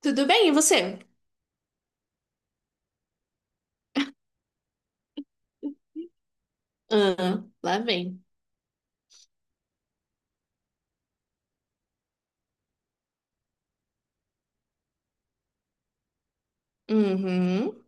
Tudo bem, e você? Ah, lá vem. Uhum,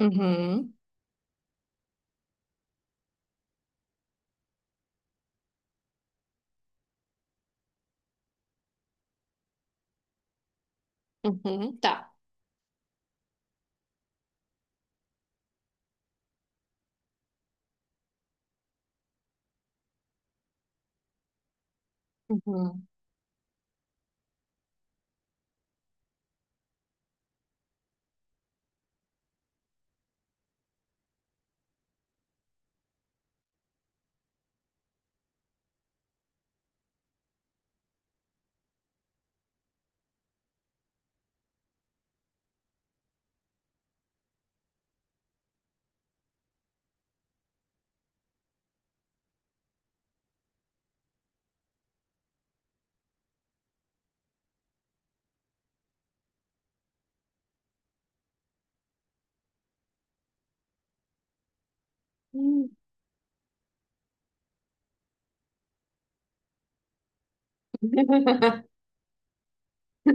uhum, uhum, tá. Uhum. Hum.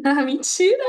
Ah, mentira!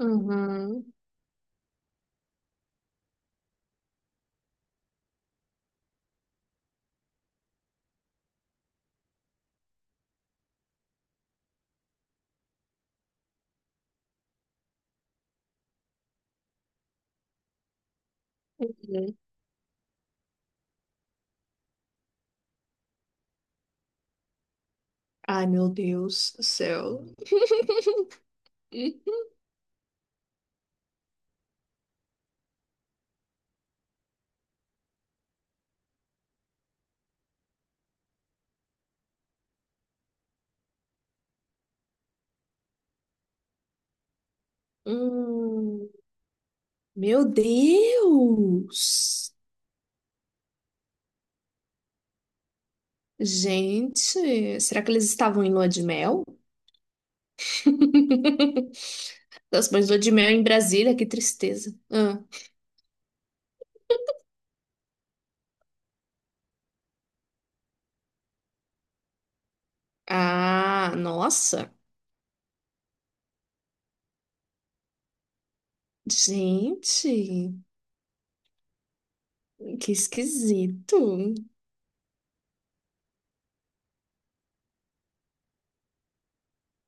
Uhum, uhum. Ai, meu Deus do céu. Hum, meu Deus! Gente, será que eles estavam em lua de mel? Nossa, mas lua de mel em Brasília, que tristeza. Ah, ah, nossa. Gente, que esquisito.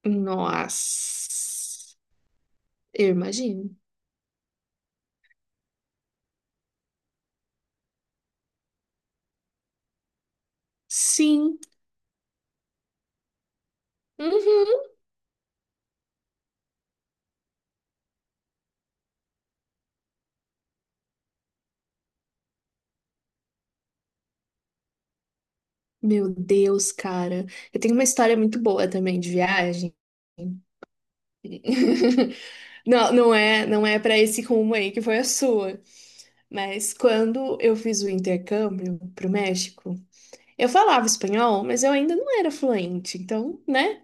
Nossa, eu imagino. Sim. Uhum. Meu Deus, cara. Eu tenho uma história muito boa também de viagem. Não, não é para esse rumo aí que foi a sua. Mas quando eu fiz o intercâmbio pro México, eu falava espanhol, mas eu ainda não era fluente. Então, né?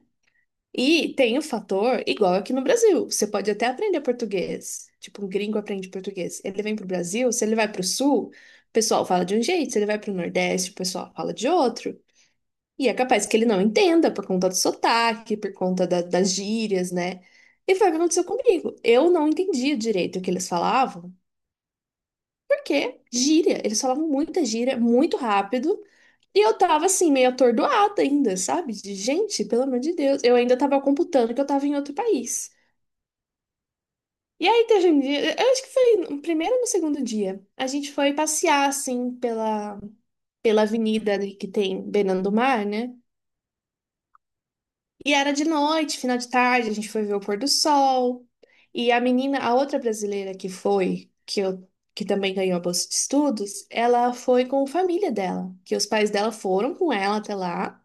E tem o fator igual aqui no Brasil. Você pode até aprender português. Tipo, um gringo aprende português. Ele vem pro Brasil, se ele vai pro sul, o pessoal fala de um jeito. Se ele vai pro Nordeste, o pessoal fala de outro. E é capaz que ele não entenda por conta do sotaque, por conta das gírias, né? E foi o que aconteceu comigo. Eu não entendia direito o que eles falavam, porque gíria. Eles falavam muita gíria, muito rápido. E eu tava assim, meio atordoada ainda, sabe? De gente, pelo amor de Deus. Eu ainda tava computando que eu tava em outro país. E aí teve um dia, eu acho que foi no primeiro ou no segundo dia, a gente foi passear, assim, pela avenida ali que tem beirando do mar, né? E era de noite, final de tarde, a gente foi ver o pôr do sol. E a menina, a outra brasileira que foi, que também ganhou a bolsa de estudos, ela foi com a família dela, que os pais dela foram com ela até lá.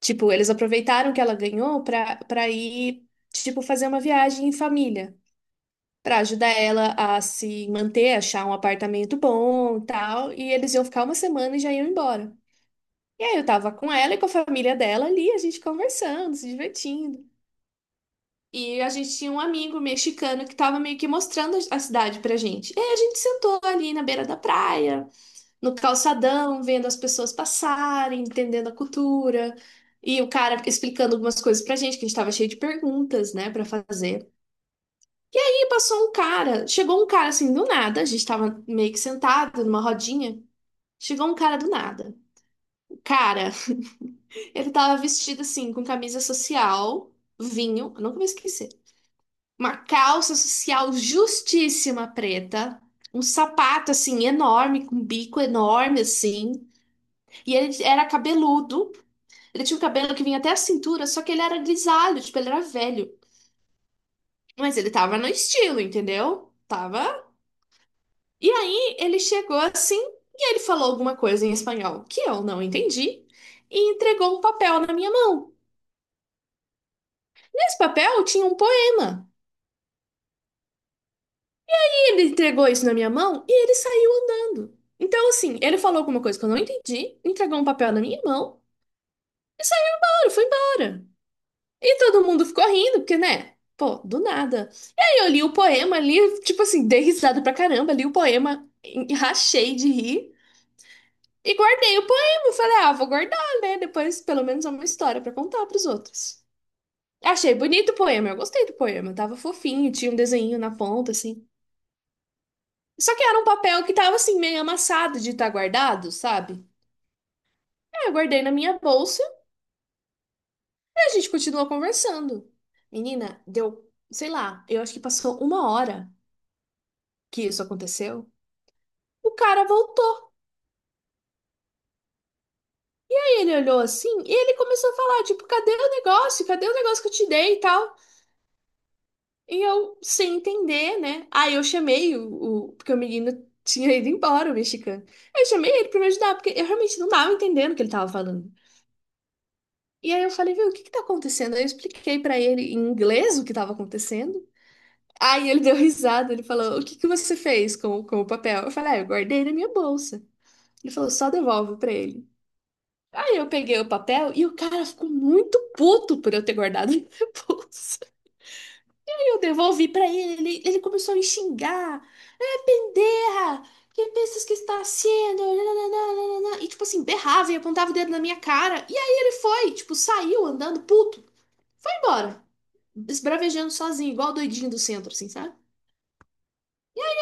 Tipo, eles aproveitaram que ela ganhou pra ir, tipo, fazer uma viagem em família, para ajudar ela a se manter, achar um apartamento bom, e tal, e eles iam ficar uma semana e já iam embora. E aí eu tava com ela e com a família dela ali, a gente conversando, se divertindo. E a gente tinha um amigo mexicano que tava meio que mostrando a cidade pra gente. E aí a gente sentou ali na beira da praia, no calçadão, vendo as pessoas passarem, entendendo a cultura. E o cara explicando algumas coisas pra gente, que a gente tava cheio de perguntas, né, pra fazer. Passou um cara, chegou um cara assim do nada, a gente tava meio que sentado numa rodinha, chegou um cara do nada. O cara, ele tava vestido assim, com camisa social, vinho, eu nunca vou esquecer, uma calça social justíssima preta, um sapato assim enorme, com bico enorme assim, e ele era cabeludo, ele tinha um cabelo que vinha até a cintura, só que ele era grisalho, tipo, ele era velho. Mas ele tava no estilo, entendeu? Tava. E aí ele chegou assim e ele falou alguma coisa em espanhol que eu não entendi e entregou um papel na minha mão. Nesse papel tinha um poema. E ele entregou isso na minha mão e ele saiu andando. Então, assim, ele falou alguma coisa que eu não entendi, entregou um papel na minha mão e saiu, foi embora. E todo mundo ficou rindo, porque, né? Pô, do nada. E aí eu li o poema ali, tipo assim, dei risada pra caramba, li o poema, rachei de rir. E guardei o poema. Falei, ah, vou guardar, né? Depois, pelo menos, é uma história pra contar pros outros. Achei bonito o poema, eu gostei do poema. Tava fofinho, tinha um desenho na ponta, assim. Só que era um papel que tava, assim, meio amassado de estar guardado, sabe? Aí eu guardei na minha bolsa e a gente continuou conversando. Menina, deu, sei lá, eu acho que passou uma hora que isso aconteceu. O cara voltou e ele olhou assim e ele começou a falar, tipo, cadê o negócio? Cadê o negócio que eu te dei e tal? E eu, sem entender, né? Aí eu chamei porque o menino tinha ido embora, o mexicano. Eu chamei ele pra me ajudar, porque eu realmente não tava entendendo o que ele tava falando. E aí eu falei, viu, o que que tá acontecendo? Aí eu expliquei pra ele em inglês o que tava acontecendo. Aí ele deu risada, ele falou, o que que você fez com o papel? Eu falei, ah, eu guardei na minha bolsa. Ele falou, só devolve pra ele. Aí eu peguei o papel e o cara ficou muito puto por eu ter guardado na minha bolsa. Eu devolvi pra ele, ele começou a me xingar. É, pendeja! Que pensas que está sendo? Nananana. E tipo assim, berrava e apontava o dedo na minha cara. E aí ele foi, tipo, saiu andando puto. Foi embora. Esbravejando sozinho, igual o doidinho do centro, assim, sabe?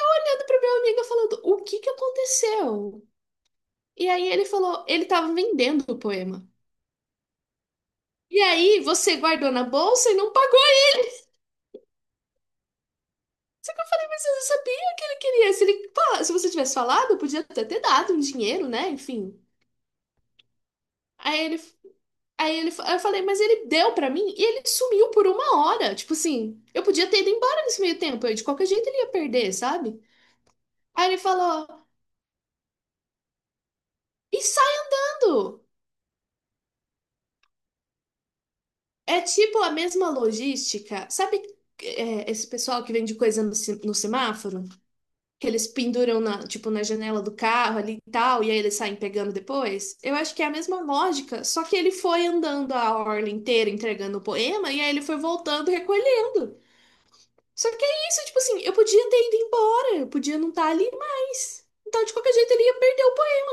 Olhando pra minha amiga falando, o que que aconteceu? E aí ele falou, ele tava vendendo o poema. E aí você guardou na bolsa e não pagou, mas você não sabia o que ele queria. Se se você tivesse falado, podia até ter dado um dinheiro, né? Enfim. Aí ele, aí eu falei, mas ele deu pra mim e ele sumiu por uma hora. Tipo assim, eu podia ter ido embora nesse meio tempo, eu, de qualquer jeito ele ia perder, sabe? Aí ele falou, ensaiando! É tipo a mesma logística, sabe? Esse pessoal que vende coisa no semáforo, que eles penduram na, tipo, na janela do carro ali e tal, e aí eles saem pegando depois. Eu acho que é a mesma lógica, só que ele foi andando a orla inteira entregando o poema, e aí ele foi voltando recolhendo. Só que é isso, tipo assim, eu podia ter ido embora, eu podia não estar ali mais. Então, de qualquer jeito, ele ia perder o poema.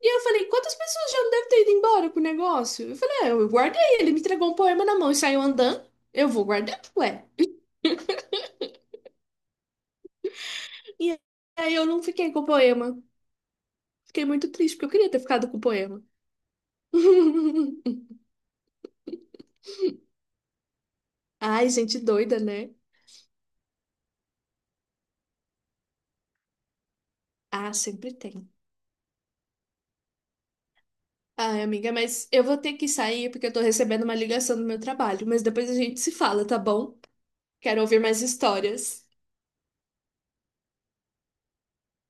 E eu falei, quantas pessoas já não devem ter ido embora com o negócio? Eu falei, é, eu guardei, ele me entregou um poema na mão e saiu andando. Eu vou guardar, ué. E aí eu não fiquei com o poema. Fiquei muito triste, porque eu queria ter ficado com o poema. Ai, gente doida, né? Ah, sempre tem. Ai, amiga, mas eu vou ter que sair porque eu tô recebendo uma ligação do meu trabalho. Mas depois a gente se fala, tá bom? Quero ouvir mais histórias.